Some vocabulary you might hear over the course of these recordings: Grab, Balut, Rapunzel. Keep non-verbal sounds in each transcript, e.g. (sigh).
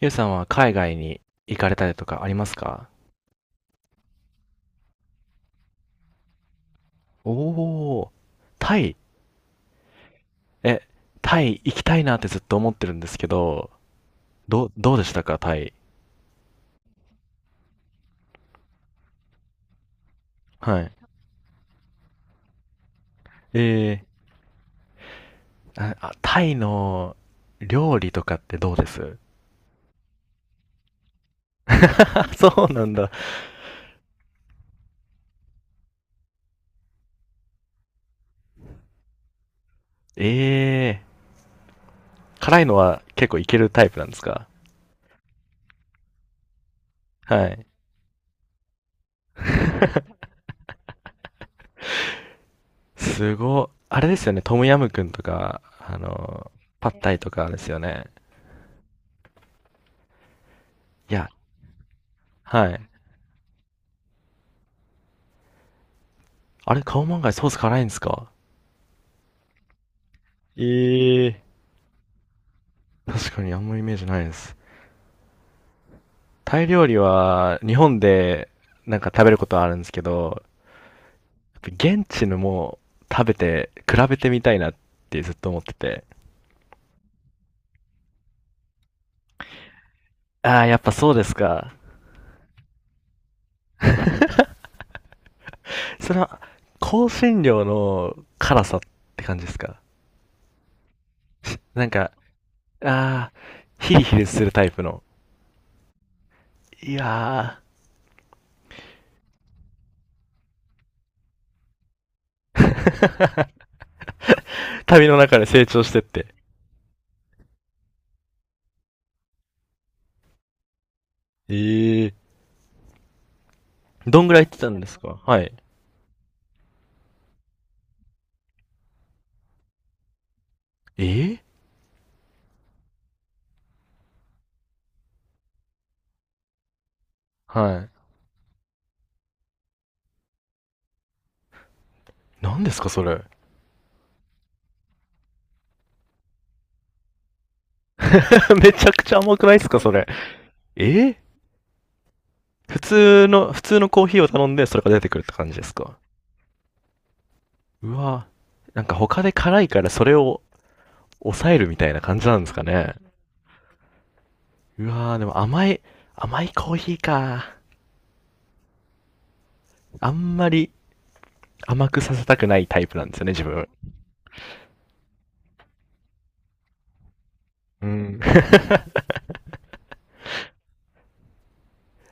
ゆうさんは海外に行かれたりとかありますか？おおー、タイ。え、タイ行きたいなってずっと思ってるんですけど、どうでしたか、タイ。はい。えあタイの料理とかってどうです？あ、そうなんだ。えー、辛いのは結構いけるタイプなんですか？はい。あれですよね、トムヤムクンとか、パッタイとかですよね。いや、はい。あれ、カオマンガイソース辛いんですか？ええ。確かにあんまイメージないです。タイ料理は日本でなんか食べることはあるんですけど、やっぱ現地のも食べて比べてみたいなってずっと思ってて。ああ、やっぱそうですか。それは香辛料の辛さって感じですか？なんか、ああ、ヒリヒリするタイプの。いやー (laughs) 旅の中で成長してって。ええー。どんぐらい行ってたんですか？はい。ええー。はい。何ですかそれ。(laughs) めちゃくちゃ甘くないですか、それ。えー普通のコーヒーを頼んで、それが出てくるって感じですか。うわぁ、なんか他で辛いからそれを抑えるみたいな感じなんですかね。うわぁ、でも甘いコーヒーか。あんまり甘くさせたくないタイプなんですよね、自分。うん。(laughs)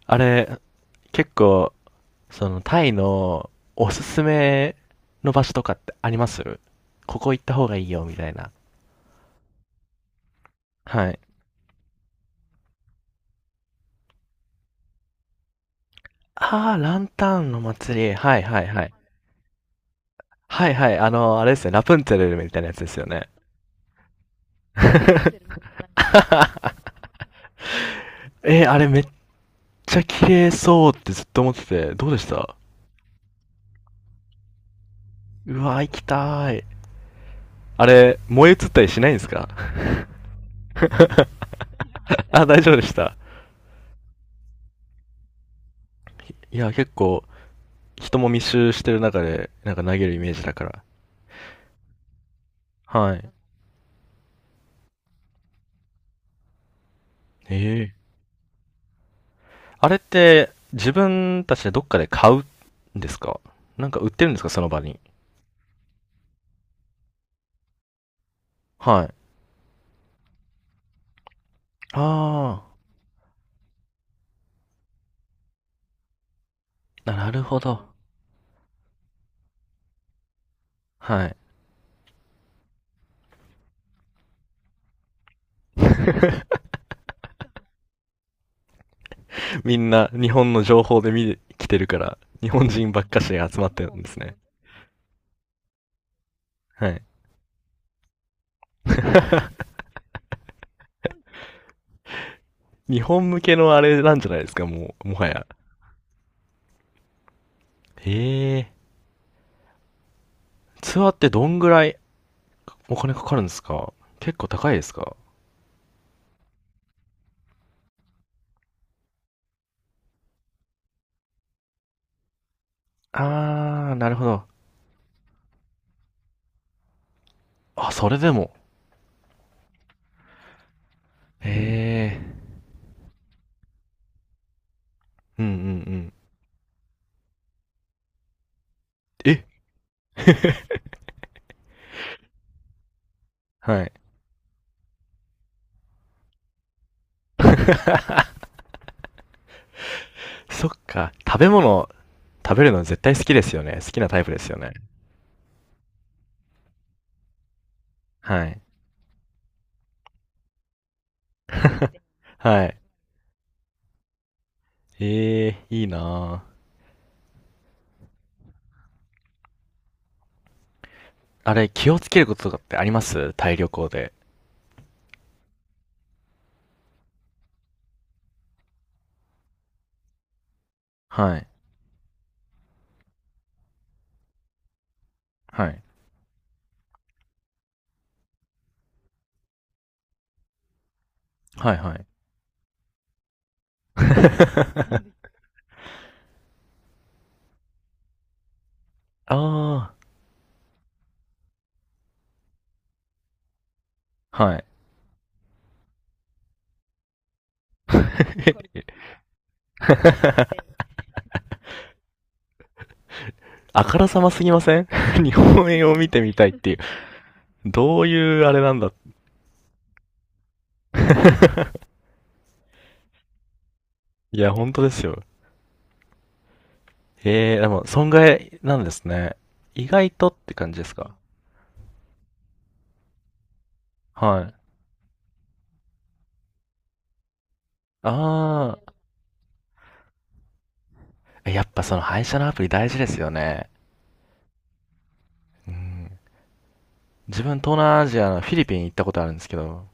あれ、結構、タイのおすすめの場所とかってあります？ここ行った方がいいよ、みたいな。はい。ああ、ランタンの祭り。はいはいはい。はいはい、あれですね、ラプンツェルみたいなやつですよね。あれめっちゃ綺麗そうってずっと思ってて、どうでした？うわ、行きたーい。あれ、燃え移ったりしないんですか？ (laughs) あ、大丈夫でした。いや、結構、人も密集してる中で、なんか投げるイメージだから。はい。ええ。あれって、自分たちでどっかで買うんですか？なんか売ってるんですかその場に？はい。ああ、なるほど。はい。(laughs) みんな日本の情報で見てきてるから、日本人ばっかしが集まってるんですね。はい。日本向けのあれなんじゃないですか、もう、もはや。へえ。ツアーってどんぐらいお金かかるんですか？結構高いですか？あー、なるほど。あ、それでも。へえ。うんうんうん。え、 (laughs) はい。そっか。食べ物、食べるの絶対好きですよね。好きなタイプですよね。はい。はい。ええ、いいなぁ。あれ、気をつけることとかってあります？タイ旅行で。はい。はい。はいはい。(laughs) ああ、はい。(laughs) あからさますぎません？ (laughs) 日本円を見てみたいっていう。どういうあれなんだ。(laughs) いや、本当ですよ。ええ、でも、損害なんですね。意外とって感じですか？はい。ああ、やっぱその配車のアプリ大事ですよね。うん。自分東南アジアのフィリピン行ったことあるんですけど、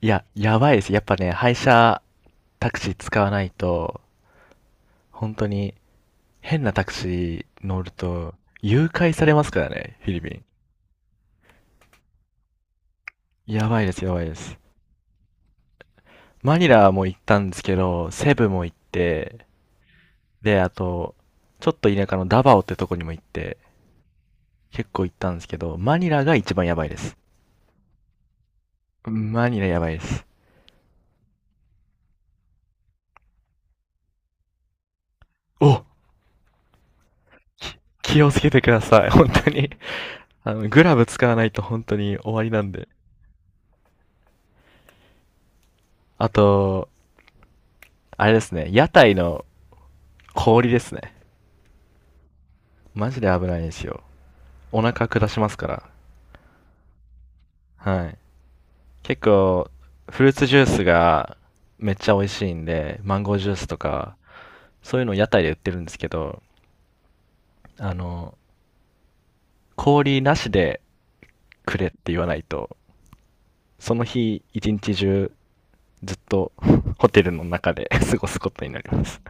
いや、やばいです。やっぱね、配車タクシー使わないと、本当に変なタクシー乗ると、誘拐されますからね、フィリピン。やばいです、やばいです。マニラも行ったんですけど、セブも行って、で、あと、ちょっと田舎のダバオってとこにも行って、結構行ったんですけど、マニラが一番やばいです。マニラやばいです。お、き気をつけてください、本当に。グラブ使わないと本当に終わりなんで。あと、あれですね、屋台の氷ですね。マジで危ないですよ。お腹下しますから。はい。結構、フルーツジュースがめっちゃ美味しいんで、マンゴージュースとか、そういうのを屋台で売ってるんですけど、あの、氷なしでくれって言わないと、その日一日中ずっと (laughs) ホテルの中で (laughs) 過ごすことになります。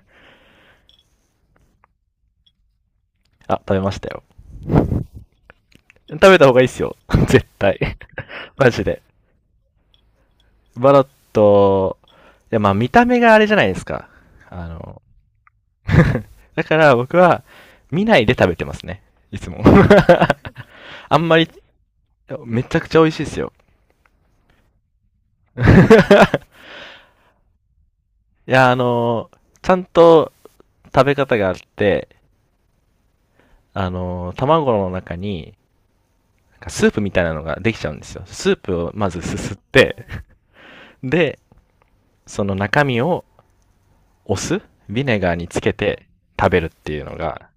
あ、食べましたよ。食べた方がいいっすよ (laughs)。絶対 (laughs)。マジで。バロット、いやまあ見た目があれじゃないですか。あの (laughs)、だから僕は見ないで食べてますね。いつも。(laughs) あんまり。いやめちゃくちゃ美味しいですよ。いや、ちゃんと食べ方があって、卵の中に、なんかスープみたいなのができちゃうんですよ。スープをまずすすって、で、その中身をお酢、ビネガーにつけて食べるっていうのが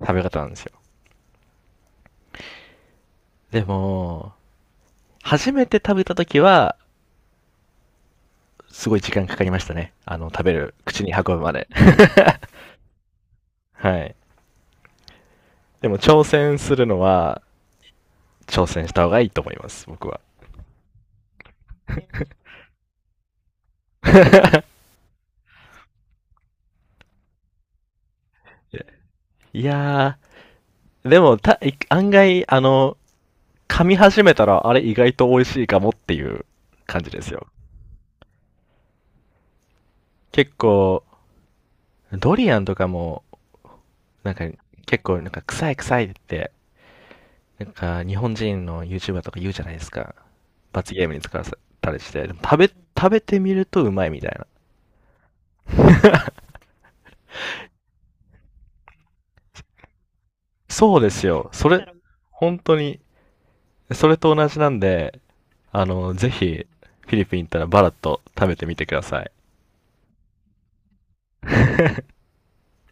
食べ方なんですよ。でも、初めて食べた時は、すごい時間かかりましたね。食べる、口に運ぶまで。(laughs) はい。でも挑戦するのは、挑戦した方がいいと思います、僕は。(laughs) いやー、でも、案外、噛み始めたら、あれ意外と美味しいかもっていう感じですよ。結構、ドリアンとかも、なんか、結構、なんか、臭い臭いって、なんか、日本人の YouTuber とか言うじゃないですか。罰ゲームに使わせたりして。でも食べてみるとうまいみたいな。そうですよ。それ、本当に、それと同じなんで、あの、ぜひ、フィリピン行ったらバラッと食べてみてください。